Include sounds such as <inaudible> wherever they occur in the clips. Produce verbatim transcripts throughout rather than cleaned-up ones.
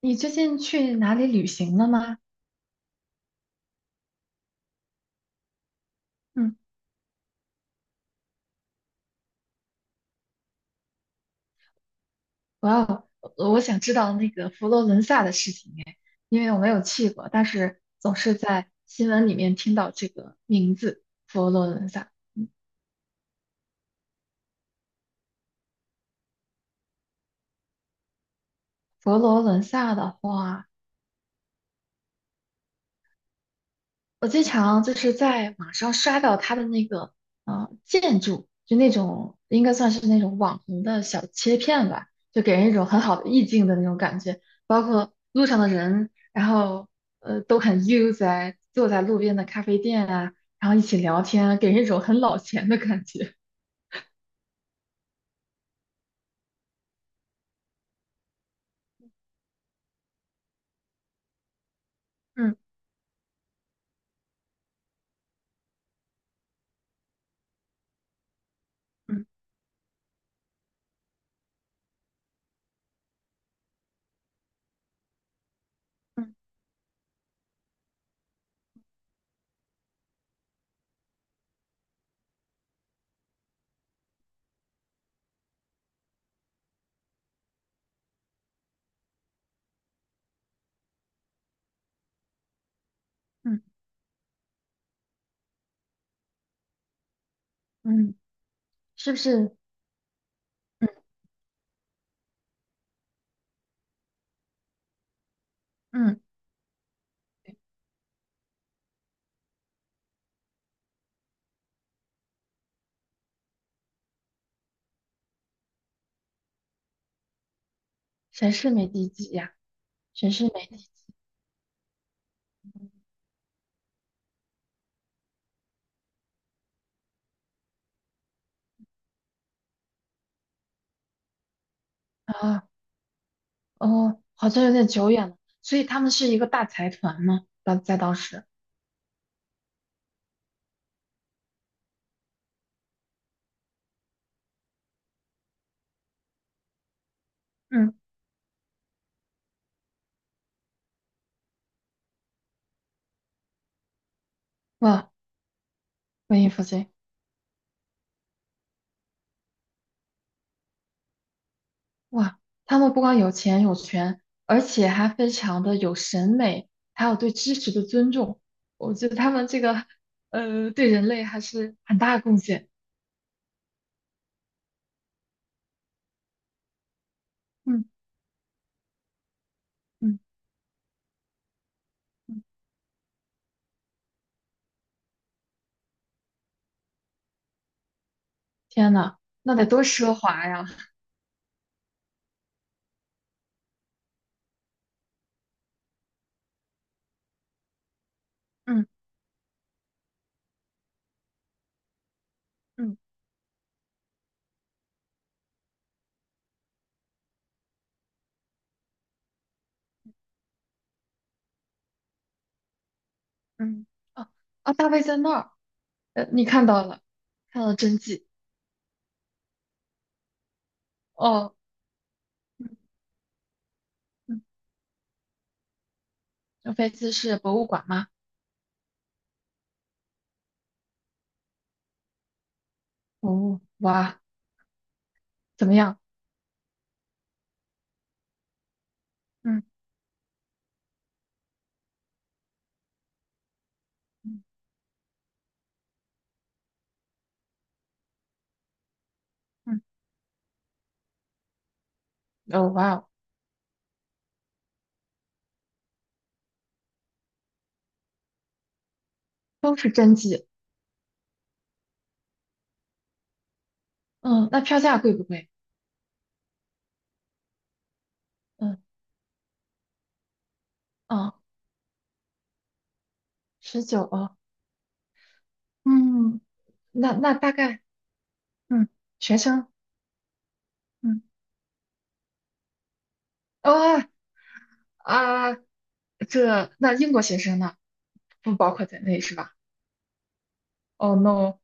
你最近去哪里旅行了吗？嗯，哇哦我要，我想知道那个佛罗伦萨的事情哎，因为我没有去过，但是总是在新闻里面听到这个名字，佛罗伦萨。嗯。佛罗伦萨的话，我经常就是在网上刷到他的那个呃建筑，就那种应该算是那种网红的小切片吧，就给人一种很好的意境的那种感觉。包括路上的人，然后呃都很悠哉，坐在路边的咖啡店啊，然后一起聊天啊给人一种很老钱的感觉。嗯嗯嗯嗯嗯，是不是？嗯，嗯，谁是美第几呀？谁是美第几啊？哦，好像有点久远了，所以他们是一个大财团嘛，当在当时。嗯，哇，文艺复兴，哇，他们不光有钱有权，而且还非常的有审美，还有对知识的尊重，我觉得他们这个，呃，对人类还是很大的贡献。嗯嗯嗯，天呐，那得多奢华呀。嗯嗯嗯，啊啊，大卫在那儿。呃，你看到了，看到了真迹。哦，嗯嗯，这飞机是博物馆吗？哦，哇，怎么样？嗯嗯嗯，哦，哇哦，都是真迹。嗯，那票价贵不贵？嗯哦，十九哦。嗯，那那大概。嗯，学生。嗯，哦啊，这那英国学生呢？不包括在内是吧？哦 no，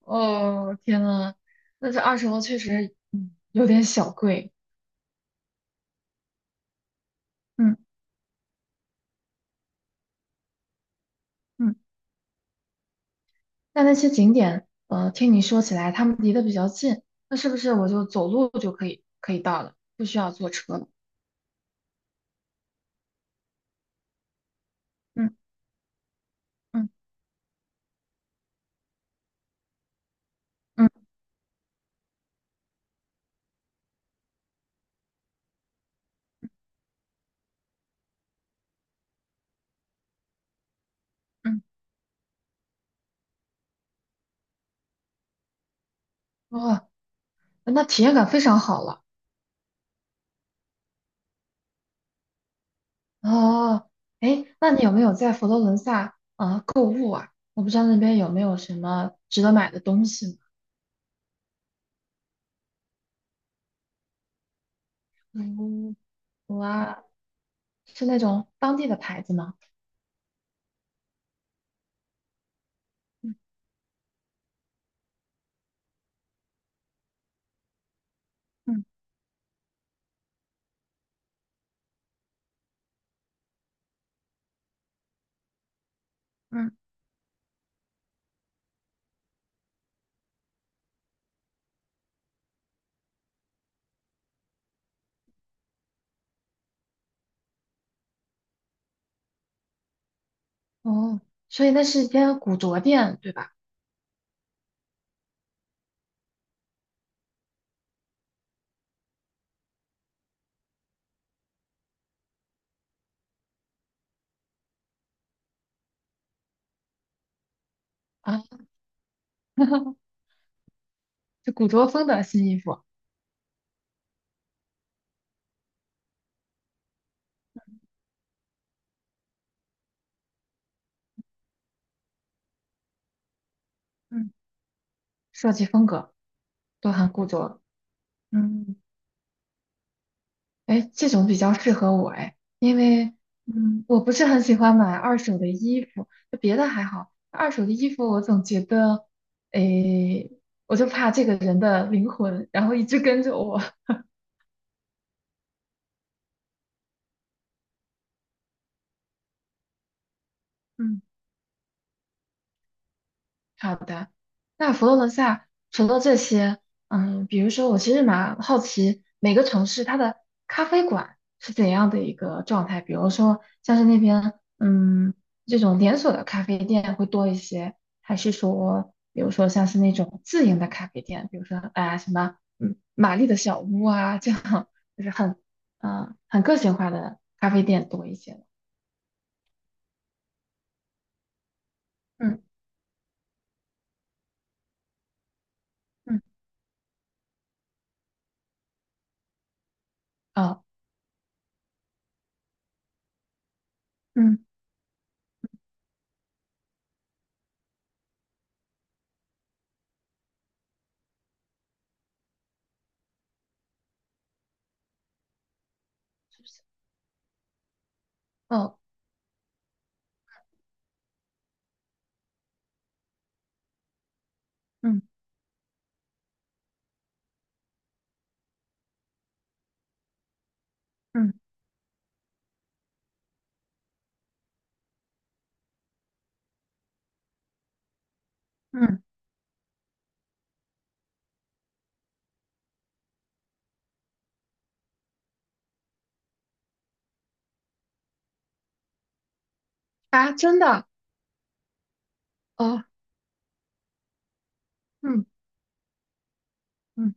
哦天呐，那这二十欧确实，嗯，有点小贵。嗯嗯。那那些景点，呃，听你说起来，他们离得比较近，那是不是我就走路就可以可以到了，不需要坐车了？嗯嗯嗯嗯，哦，那体验感非常好了。哦，哎，那你有没有在佛罗伦萨呃购物啊？我不知道那边有没有什么值得买的东西呢？嗯哇，是那种当地的牌子吗？嗯嗯嗯，哦，所以那是一间古着店，对吧？啊，<laughs> 是古着风的新衣服。嗯。设计风格都很固着。嗯，哎，这种比较适合我哎，因为嗯，我不是很喜欢买二手的衣服，就别的还好，二手的衣服我总觉得，哎，我就怕这个人的灵魂，然后一直跟着我。<laughs> 嗯。好的。那佛罗伦萨除了这些，嗯，比如说，我其实蛮好奇每个城市它的咖啡馆是怎样的一个状态，比如说像是那边，嗯，这种连锁的咖啡店会多一些，还是说，比如说像是那种自营的咖啡店，比如说啊、哎什么，嗯，玛丽的小屋啊，这样就是很，嗯、很个性化的咖啡店多一些。嗯嗯，哦，嗯，是不是哦，嗯嗯嗯。啊，真的哦，嗯嗯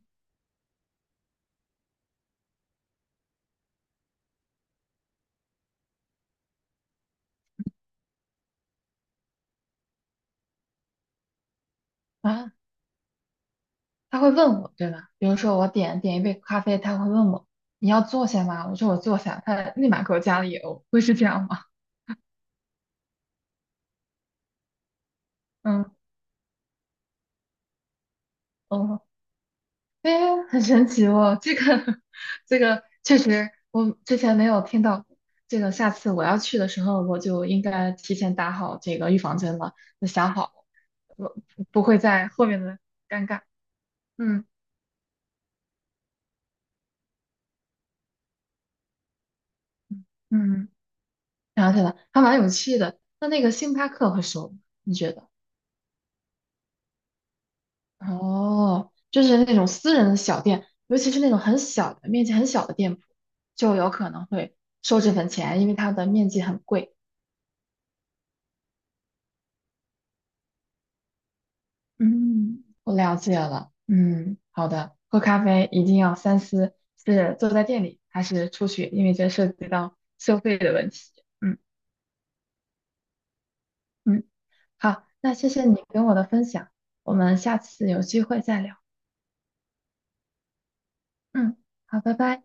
啊，他会问我，对吧？比如说我点点一杯咖啡，他会问我你要坐下吗？我说我坐下，他立马给我加了油，会是这样吗？嗯，哦，哎，很神奇哦，这个 <laughs> 这个确实我之前没有听到过。这个下次我要去的时候，我就应该提前打好这个预防针了，就想好，我不会在后面的尴尬。嗯嗯。嗯想起来了，还蛮有趣的。那那个星巴克会收吗？你觉得？哦，就是那种私人的小店，尤其是那种很小的、面积很小的店铺，就有可能会收这份钱，因为它的面积很贵。嗯，我了解了。嗯，好的。喝咖啡一定要三思，是坐在店里还是出去，因为这涉及到收费的问题。嗯嗯，好，那谢谢你跟我的分享，我们下次有机会再聊。嗯，好，拜拜。